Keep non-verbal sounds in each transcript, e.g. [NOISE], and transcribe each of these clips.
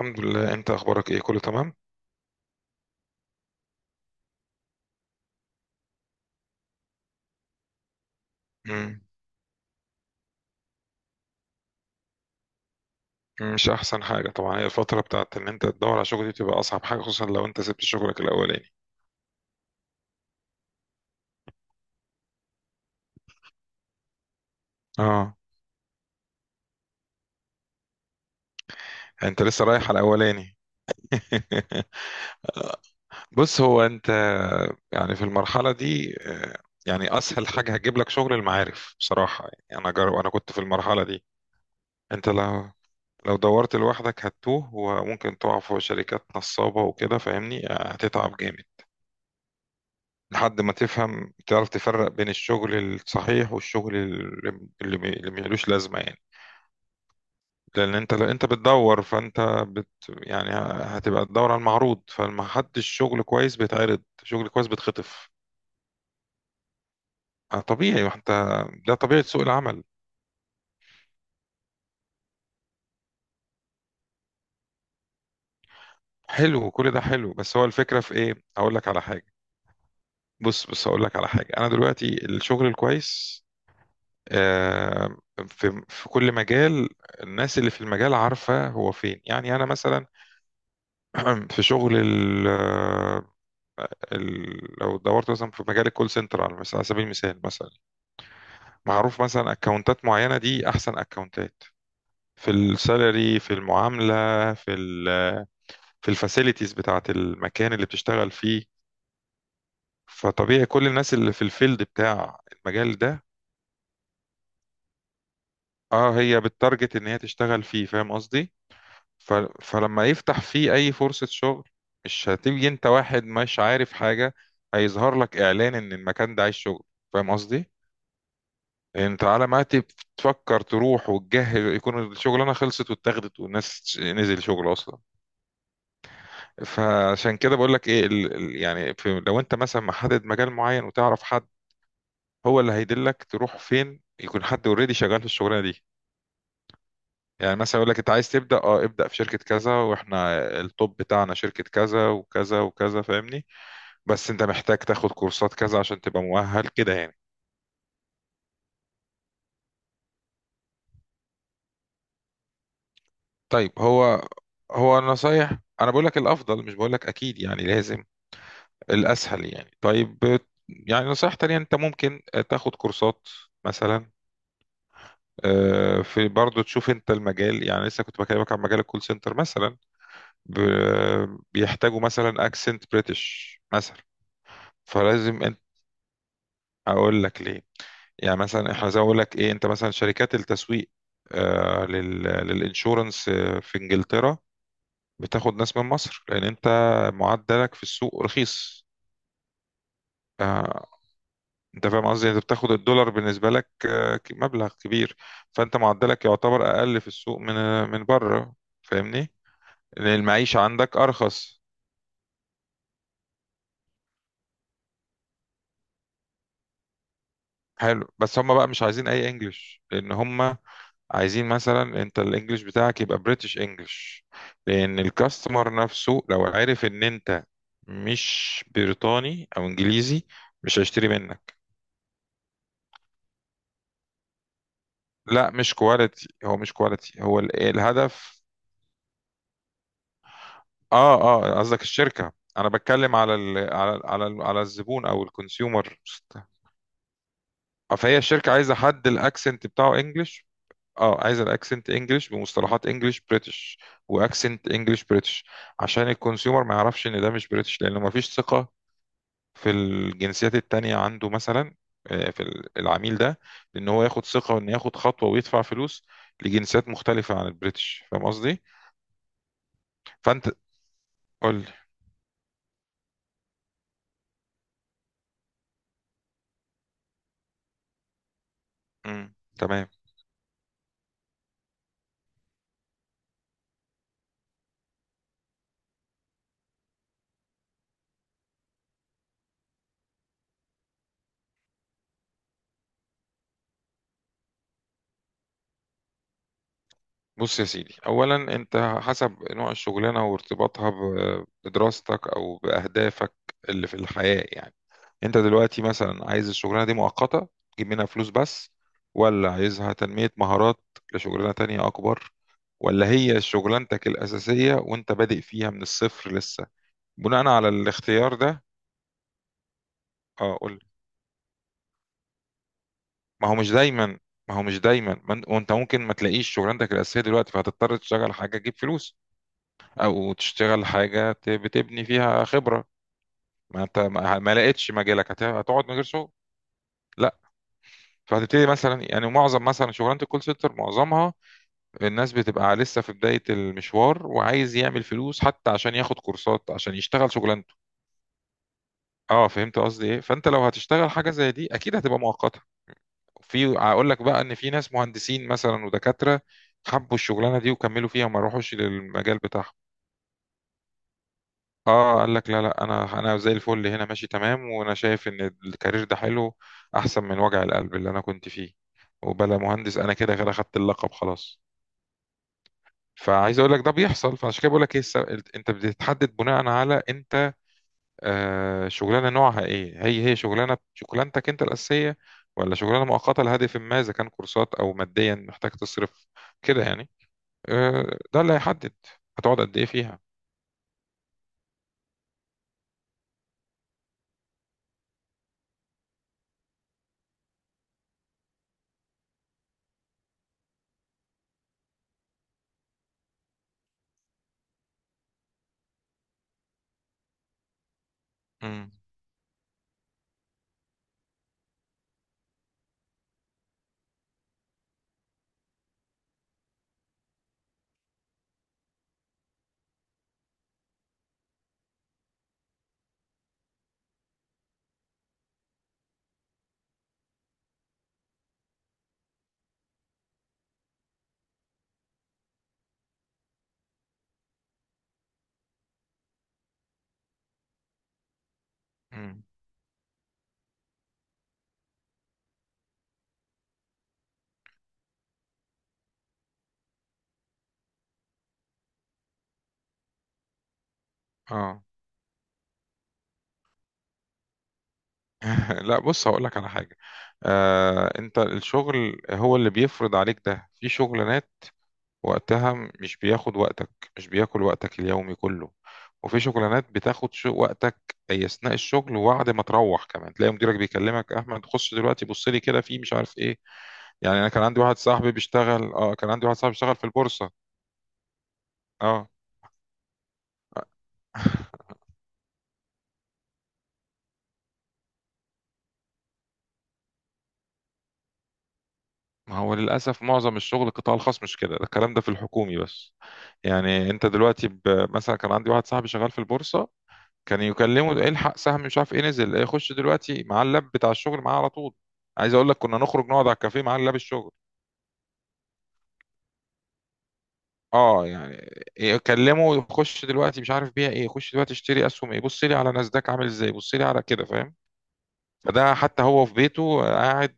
الحمد لله، انت اخبارك ايه؟ كله تمام. مم. مش احسن حاجه طبعا، هي الفتره بتاعت ان انت تدور على شغل دي بتبقى اصعب حاجه، خصوصا لو انت سبت شغلك الاولاني. اه، انت لسه رايح على الاولاني. [LAUGHS] بص، هو انت يعني في المرحله دي يعني اسهل حاجه هتجيب لك شغل المعارف بصراحه، يعني انا جرب، انا كنت في المرحله دي. انت لو لو دورت لوحدك هتتوه، وممكن تقع في شركات نصابه وكده، فاهمني؟ هتتعب جامد لحد ما تفهم تعرف تفرق بين الشغل الصحيح والشغل اللي ملوش لازمة يعني. لأن أنت لو أنت بتدور فأنت بت يعني هتبقى تدور على المعروض، فمحدش شغل كويس بيتعرض، شغل كويس بيتخطف. طبيعي، وأنت ده طبيعة سوق العمل. حلو، كل ده حلو، بس هو الفكرة في إيه؟ أقول لك على حاجة. بص بص، أقول لك على حاجة، أنا دلوقتي الشغل الكويس آه، في في كل مجال الناس اللي في المجال عارفة هو فين، يعني أنا مثلا [CLEARS THROAT] في شغل ال لو دورت مثلا في مجال الكول سنتر، على مثلا على سبيل المثال مثلا معروف مثلا اكونتات معينه دي احسن اكونتات في السالري، في المعامله، في في الفاسيلتيز بتاعه المكان اللي بتشتغل فيه. فطبيعي كل الناس اللي في الفيلد بتاع المجال ده اه، هي بتارجت ان هي تشتغل فيه، فاهم قصدي؟ ف... فلما يفتح فيه اي فرصة شغل مش هتيجي انت واحد مش عارف حاجة، هيظهر لك اعلان ان المكان ده عايز شغل، فاهم قصدي؟ يعني انت على ما تب- تفكر تروح وتجهز يكون الشغلانه خلصت واتاخدت والناس نزل شغل اصلا. فعشان كده بقول لك ايه لو انت مثلا محدد مجال معين وتعرف حد هو اللي هيدلك تروح فين، يكون حد اوريدي شغال في الشغلانه دي، يعني مثلا يقول لك انت عايز تبدا اه ابدا في شركه كذا، واحنا التوب بتاعنا شركه كذا وكذا وكذا، فاهمني؟ بس انت محتاج تاخد كورسات كذا عشان تبقى مؤهل كده يعني. طيب، هو النصايح انا بقول لك الافضل، مش بقول لك اكيد يعني لازم، الاسهل يعني. طيب، يعني نصيحة تانية، انت ممكن تاخد كورسات مثلا. في برضه تشوف انت المجال، يعني لسه كنت بكلمك عن مجال الكول سنتر مثلا، بيحتاجوا مثلا اكسنت بريتش مثلا، فلازم. اقول لك ليه، يعني مثلا احنا زي ما اقول لك ايه، انت مثلا شركات التسويق آه لل للانشورنس في انجلترا بتاخد ناس من مصر لان انت معدلك في السوق رخيص. آه، انت فاهم قصدي؟ يعني انت بتاخد الدولار بالنسبه لك مبلغ كبير. فانت معدلك يعتبر اقل في السوق من من بره، فاهمني؟ لان المعيشه عندك ارخص. حلو، بس هم بقى مش عايزين اي انجليش، لان هم عايزين مثلا انت الانجليش بتاعك يبقى بريتش انجليش، لان الكاستمر نفسه لو عارف ان انت مش بريطاني او انجليزي مش هيشتري منك. لا مش كواليتي، هو مش كواليتي، هو الهدف. اه اه، قصدك الشركة. انا بتكلم على ال على الزبون او الكونسيومر. فهي الشركة عايزة حد الاكسنت بتاعه انجليش. اه، عايز الاكسنت انجلش بمصطلحات انجلش بريتش، واكسنت انجلش بريتش، عشان الكونسيومر ما يعرفش ان ده مش بريتش، لانه ما فيش ثقة في الجنسيات التانية عنده مثلا. العميل ده، ان هو ياخد ثقة وان ياخد خطوة ويدفع فلوس لجنسيات مختلفة عن البريتش، فاهم قصدي؟ فانت قول لي. مم، تمام. بص يا سيدي، اولا انت حسب نوع الشغلانه وارتباطها بدراستك او باهدافك اللي في الحياه يعني. انت دلوقتي مثلا عايز الشغلانه دي مؤقته تجيب منها فلوس بس، ولا عايزها تنميه مهارات لشغلانه تانية اكبر، ولا هي شغلانتك الاساسيه وانت بادئ فيها من الصفر لسه؟ بناء على الاختيار ده اه، قول لي. ما هو مش دايما ما هو مش دايما ما انت وانت ممكن ما تلاقيش شغلانتك الاساسيه دلوقتي، فهتضطر تشتغل حاجه تجيب فلوس، او تشتغل حاجه بتبني فيها خبره. ما انت ما لقيتش مجالك، هتقعد من غير شغل؟ لا. فهتبتدي مثلا، يعني معظم مثلا شغلانه الكول سنتر معظمها الناس بتبقى لسه في بداية المشوار، وعايز يعمل فلوس حتى عشان ياخد كورسات عشان يشتغل شغلانته. اه، فهمت قصدي ايه؟ فانت لو هتشتغل حاجة زي دي اكيد هتبقى مؤقتة. في، اقول لك بقى ان في ناس مهندسين مثلا ودكاترة حبوا الشغلانة دي وكملوا فيها وما روحوش للمجال بتاعهم. اه، قال لك لا لا، انا زي الفل هنا، ماشي تمام، وانا شايف ان الكارير ده حلو، احسن من وجع القلب اللي انا كنت فيه، وبلا مهندس، انا كده كده خدت اللقب خلاص. فعايز اقول لك ده بيحصل، فعشان كده بقول لك ايه انت بتتحدد بناء على انت آه شغلانه نوعها ايه، هي هي شغلانه شغلانتك انت الاساسيه، ولا شغلانه مؤقته لهدف ما، اذا كان كورسات او ماديا محتاج تصرف كده يعني. آه، ده اللي هيحدد هتقعد قد ايه فيها. امم امم اه. [LAUGHS] لا، بص، هقول لك على حاجه. آه، انت الشغل هو اللي بيفرض عليك. ده في شغلانات وقتها مش بياخد وقتك، مش بياكل وقتك اليومي كله، وفي شغلانات بتاخد شو وقتك أي أثناء الشغل، وبعد ما تروح كمان تلاقي مديرك بيكلمك، أحمد خش دلوقتي بص لي كده في مش عارف إيه. يعني أنا كان عندي واحد صاحبي بيشتغل في البورصة. أه [LAUGHS] ما هو للأسف معظم الشغل القطاع الخاص مش كده، ده الكلام ده في الحكومي بس. يعني أنت دلوقتي مثلا كان عندي واحد صاحبي شغال في البورصة، كان يكلمه، ده الحق سهم مش عارف ايه نزل إيه، خش دلوقتي مع اللاب بتاع الشغل معاه على طول. عايز اقول لك كنا نخرج نقعد على الكافيه مع اللاب الشغل. اه يعني، يكلمه خش دلوقتي مش عارف بيها ايه، خش دلوقتي اشتري اسهم ايه، بص لي على ناسداك عامل ازاي، بص لي على كده، فاهم؟ فده حتى هو في بيته قاعد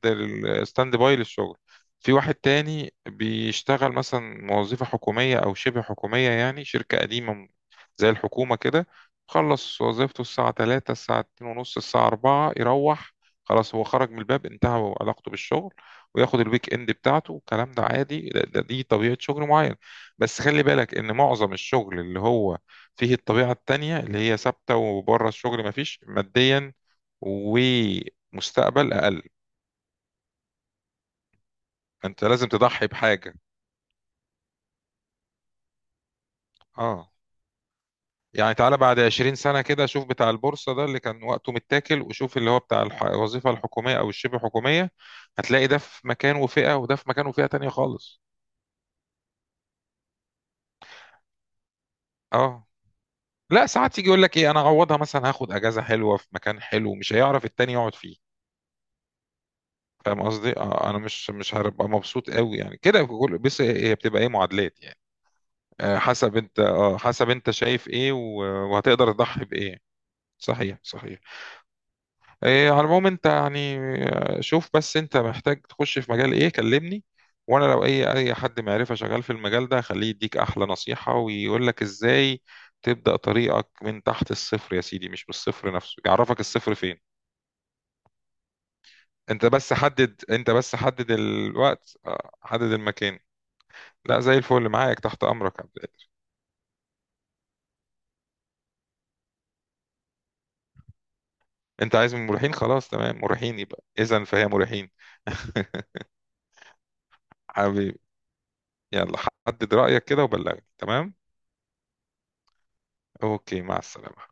ستاند باي للشغل. في واحد تاني بيشتغل مثلا وظيفة حكومية أو شبه حكومية، يعني شركة قديمة زي الحكومة كده، خلص وظيفته الساعة تلاتة، الساعة اتنين ونص، الساعة أربعة يروح، خلاص هو خرج من الباب انتهى علاقته بالشغل، وياخد الويك اند بتاعته. الكلام ده عادي، ده دي طبيعة شغل معين. بس خلي بالك إن معظم الشغل اللي هو فيه الطبيعة التانية اللي هي ثابتة وبره الشغل مفيش ماديا ومستقبل اقل. انت لازم تضحي بحاجه. اه يعني، تعالى بعد 20 سنه كده، شوف بتاع البورصه ده اللي كان وقته متاكل، وشوف اللي هو بتاع الوظيفه الحكوميه او الشبه حكوميه، هتلاقي ده في مكان وفئه، وده في مكان وفئه تانية خالص. اه لا، ساعات يجي يقول لك ايه، انا اعوضها مثلا هاخد اجازه حلوه في مكان حلو مش هيعرف التاني يقعد فيه، فاهم قصدي؟ آه، انا مش هبقى مبسوط قوي يعني كده، بس هي بتبقى ايه معادلات يعني. حسب انت اه، حسب انت شايف ايه وهتقدر تضحي بايه. صحيح صحيح. إيه، على العموم انت يعني شوف بس انت محتاج تخش في مجال ايه كلمني، وانا لو اي اي حد معرفة شغال في المجال ده خليه يديك احلى نصيحة ويقول لك ازاي تبدأ طريقك من تحت الصفر يا سيدي، مش بالصفر نفسه، يعرفك الصفر فين. انت بس حدد، الوقت، حدد المكان. لا زي الفل، معاك تحت امرك يا عبد القادر. انت عايز من مريحين؟ خلاص تمام، مريحين يبقى، اذا فهي مريحين. [LAUGHS] حبيبي، يلا، حدد رأيك كده وبلغني. تمام، اوكي، مع السلامة.